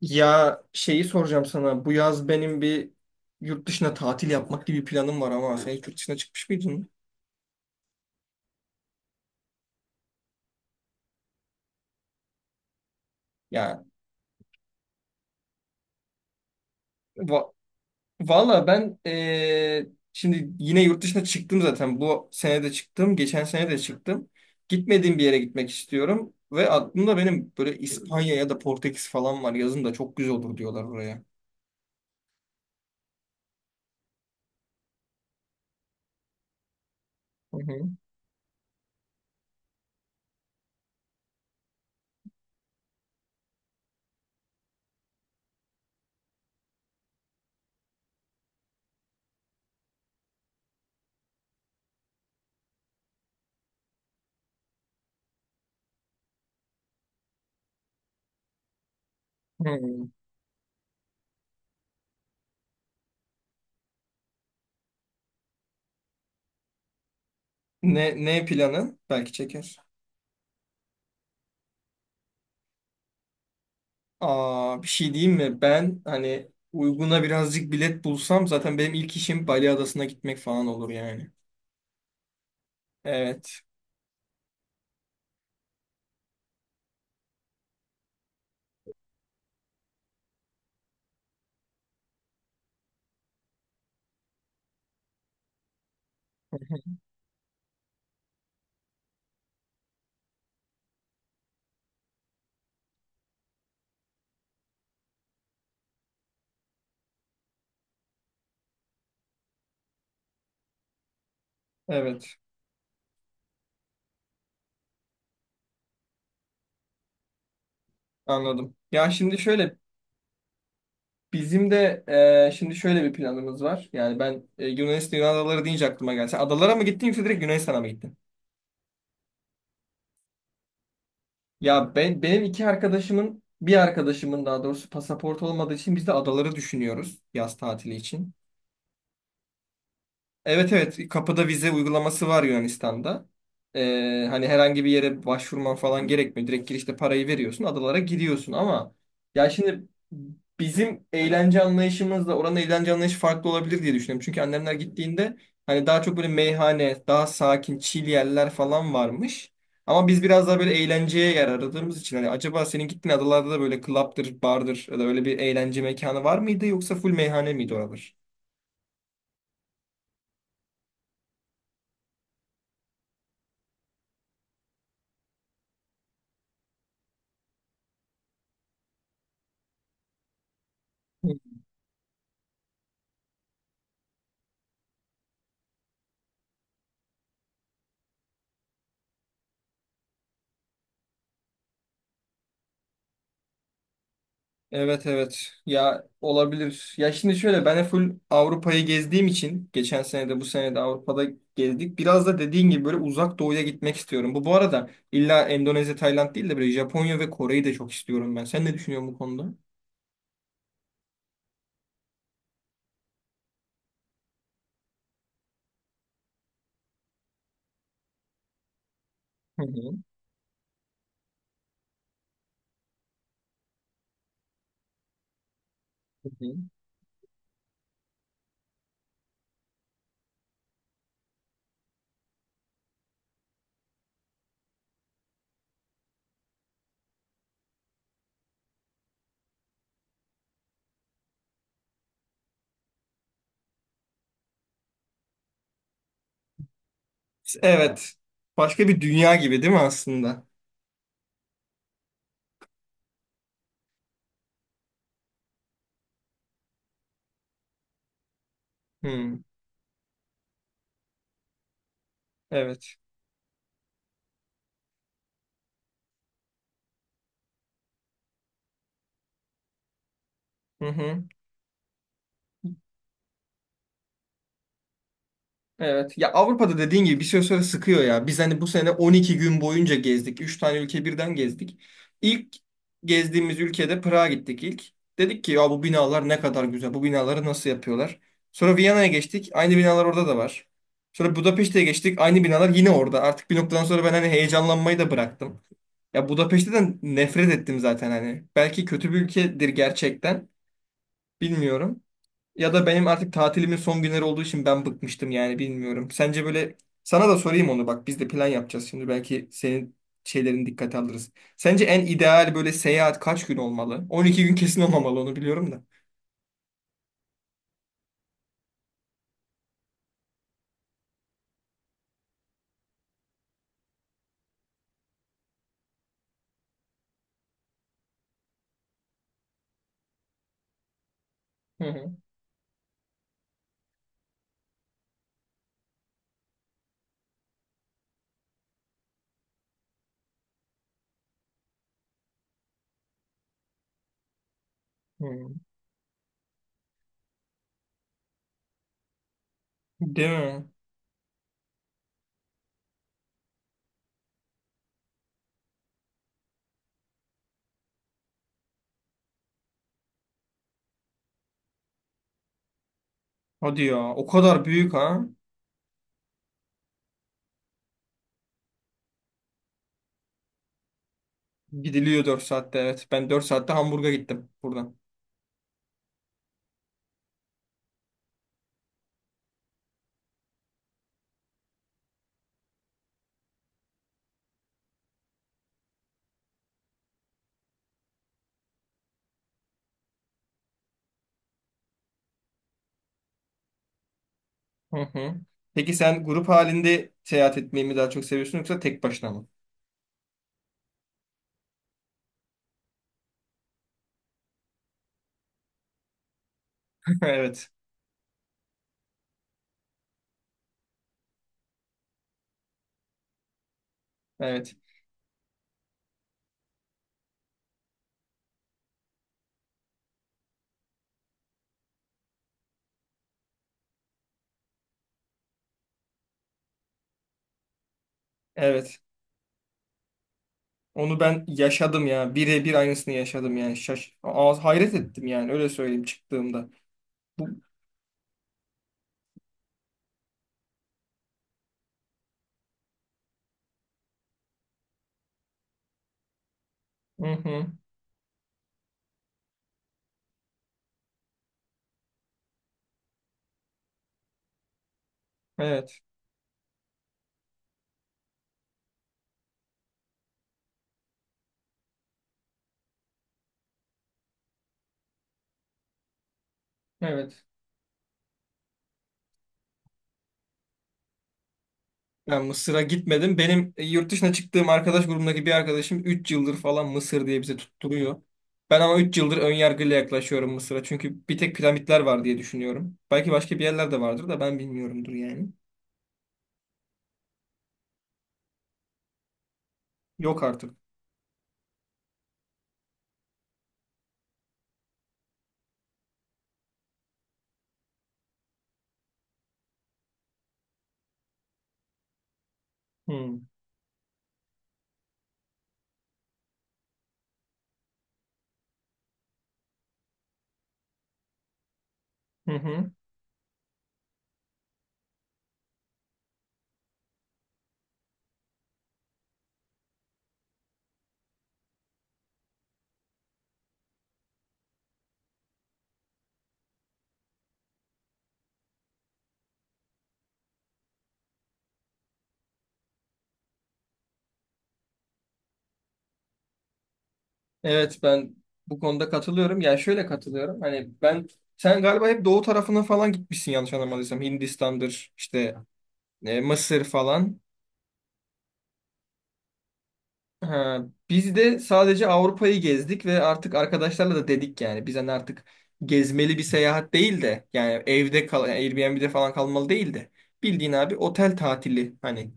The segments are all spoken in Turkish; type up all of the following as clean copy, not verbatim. Ya şeyi soracağım sana. Bu yaz benim bir yurt dışına tatil yapmak gibi bir planım var ama sen hiç yurt dışına çıkmış mıydın? Ya va valla ben şimdi yine yurt dışına çıktım zaten. Bu sene de çıktım. Geçen sene de çıktım. Gitmediğim bir yere gitmek istiyorum. Ve aklımda benim böyle İspanya ya da Portekiz falan var. Yazın da çok güzel olur diyorlar oraya. Hı hı. Hı. Ne planın? Belki çeker. Aa, bir şey diyeyim mi? Ben hani uyguna birazcık bilet bulsam zaten benim ilk işim Bali Adası'na gitmek falan olur yani. Evet. Evet, anladım. Ya şimdi şöyle bizim de şimdi şöyle bir planımız var. Yani ben Yunanistan Yunan adaları deyince aklıma geldi. Sen adalara mı gittin yoksa direkt Yunanistan'a mı gittin? Ya ben benim iki arkadaşımın bir arkadaşımın daha doğrusu pasaport olmadığı için biz de adaları düşünüyoruz yaz tatili için. Evet evet, kapıda vize uygulaması var Yunanistan'da. Hani herhangi bir yere başvurman falan gerekmiyor. Direkt girişte parayı veriyorsun, adalara gidiyorsun ama ya şimdi bizim eğlence anlayışımızla oranın eğlence anlayışı farklı olabilir diye düşünüyorum. Çünkü annemler gittiğinde hani daha çok böyle meyhane, daha sakin, chill yerler falan varmış. Ama biz biraz daha böyle eğlenceye yer aradığımız için hani acaba senin gittiğin adalarda da böyle club'dır, bar'dır ya da öyle bir eğlence mekanı var mıydı yoksa full meyhane miydi oralar? Evet evet, ya olabilir. Ya şimdi şöyle ben de full Avrupa'yı gezdiğim için geçen sene de bu sene de Avrupa'da gezdik. Biraz da dediğin gibi böyle uzak doğuya gitmek istiyorum. Bu arada illa Endonezya, Tayland değil de böyle Japonya ve Kore'yi de çok istiyorum ben. Sen ne düşünüyorsun bu konuda? Hı hı, hı hı. Evet. Başka bir dünya gibi değil mi aslında? Hmm, evet. Hı hı. Evet. Ya Avrupa'da dediğin gibi bir süre sonra sıkıyor ya. Biz hani bu sene 12 gün boyunca gezdik. Üç tane ülke birden gezdik. İlk gezdiğimiz ülkede Prag'a gittik ilk. Dedik ki ya bu binalar ne kadar güzel. Bu binaları nasıl yapıyorlar? Sonra Viyana'ya geçtik. Aynı binalar orada da var. Sonra Budapeşte'ye geçtik. Aynı binalar yine orada. Artık bir noktadan sonra ben hani heyecanlanmayı da bıraktım. Ya Budapeşte'den nefret ettim zaten hani. Belki kötü bir ülkedir gerçekten. Bilmiyorum. Ya da benim artık tatilimin son günleri olduğu için ben bıkmıştım yani bilmiyorum. Sence böyle sana da sorayım onu bak, biz de plan yapacağız şimdi belki senin şeylerini dikkate alırız. Sence en ideal böyle seyahat kaç gün olmalı? 12 gün kesin olmamalı onu biliyorum da. Hı hı. Hı. Değil mi? Hadi ya, o kadar büyük ha. Gidiliyor 4 saatte, evet. Ben 4 saatte Hamburg'a gittim buradan. Hı hı. Peki sen grup halinde seyahat etmeyi mi daha çok seviyorsun yoksa tek başına mı? Evet. Evet. Evet. Onu ben yaşadım ya. Birebir aynısını yaşadım yani. Şaş Ağız hayret ettim yani öyle söyleyeyim çıktığımda. Hı hı. Evet. Evet. Ben Mısır'a gitmedim. Benim yurt dışına çıktığım arkadaş grubundaki bir arkadaşım 3 yıldır falan Mısır diye bize tutturuyor. Ben ama 3 yıldır önyargıyla yaklaşıyorum Mısır'a. Çünkü bir tek piramitler var diye düşünüyorum. Belki başka bir yerler de vardır da ben bilmiyorumdur yani. Yok artık. Hı hı. Hı. Evet, ben bu konuda katılıyorum. Yani şöyle katılıyorum. Hani ben sen galiba hep doğu tarafına falan gitmişsin yanlış anlamadıysam. Hindistan'dır işte Mısır falan. Ha, biz de sadece Avrupa'yı gezdik ve artık arkadaşlarla da dedik yani. Biz hani artık gezmeli bir seyahat değil de yani evde kal yani Airbnb'de falan kalmalı değil de bildiğin abi otel tatili hani,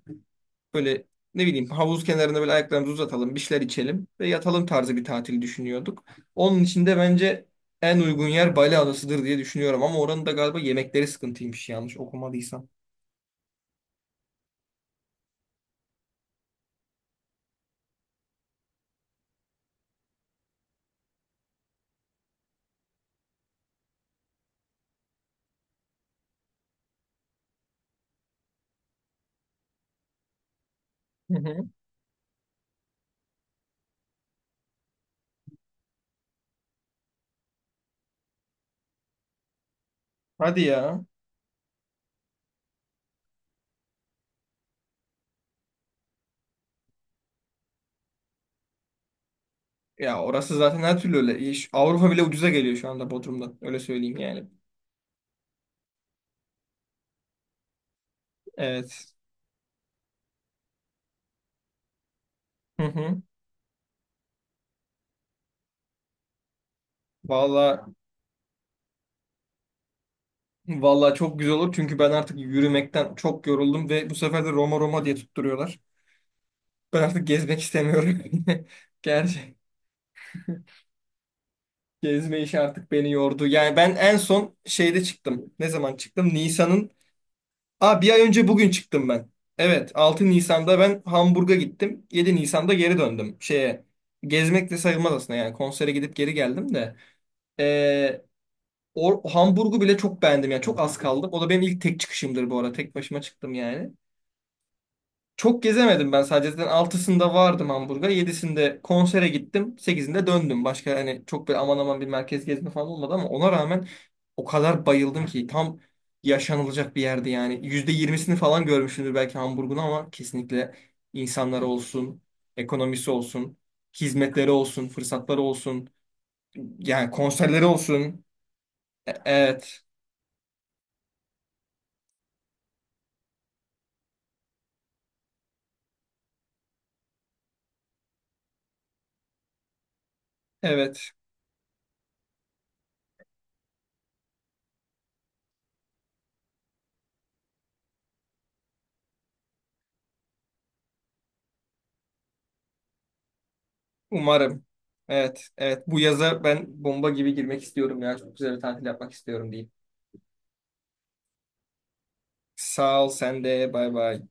böyle ne bileyim havuz kenarında böyle ayaklarımızı uzatalım, bir şeyler içelim ve yatalım tarzı bir tatil düşünüyorduk. Onun için de bence en uygun yer Bali Adası'dır diye düşünüyorum ama oranın da galiba yemekleri sıkıntıymış yanlış okumadıysam. Hı hı. Hadi ya. Ya orası zaten her türlü öyle. Avrupa bile ucuza geliyor şu anda Bodrum'dan. Öyle söyleyeyim yani. Evet. Hı hı. Valla valla, çok güzel olur çünkü ben artık yürümekten çok yoruldum ve bu sefer de Roma diye tutturuyorlar. Ben artık gezmek istemiyorum. Gerçi gezme işi artık beni yordu. Yani ben en son şeyde çıktım. Ne zaman çıktım? Nisan'ın. Aa, bir ay önce bugün çıktım ben. Evet, 6 Nisan'da ben Hamburg'a gittim. 7 Nisan'da geri döndüm. Şeye gezmek de sayılmaz aslında yani konsere gidip geri geldim de. Ee, O Hamburg'u bile çok beğendim yani çok az kaldım. O da benim ilk tek çıkışımdır bu arada. Tek başıma çıktım yani. Çok gezemedim ben sadece. Zaten 6'sında vardım Hamburg'a. 7'sinde konsere gittim. 8'inde döndüm. Başka hani çok böyle aman aman bir merkez gezme falan olmadı ama ona rağmen o kadar bayıldım ki tam yaşanılacak bir yerdi yani. %20'sini falan görmüşsündür belki Hamburg'un ama kesinlikle insanları olsun, ekonomisi olsun, hizmetleri olsun, fırsatları olsun, yani konserleri olsun. Evet. Evet. Umarım. Evet. Evet. Bu yaza ben bomba gibi girmek istiyorum ya. Çok güzel bir tatil yapmak istiyorum diyeyim. Sağ ol, sen de. Bay bay.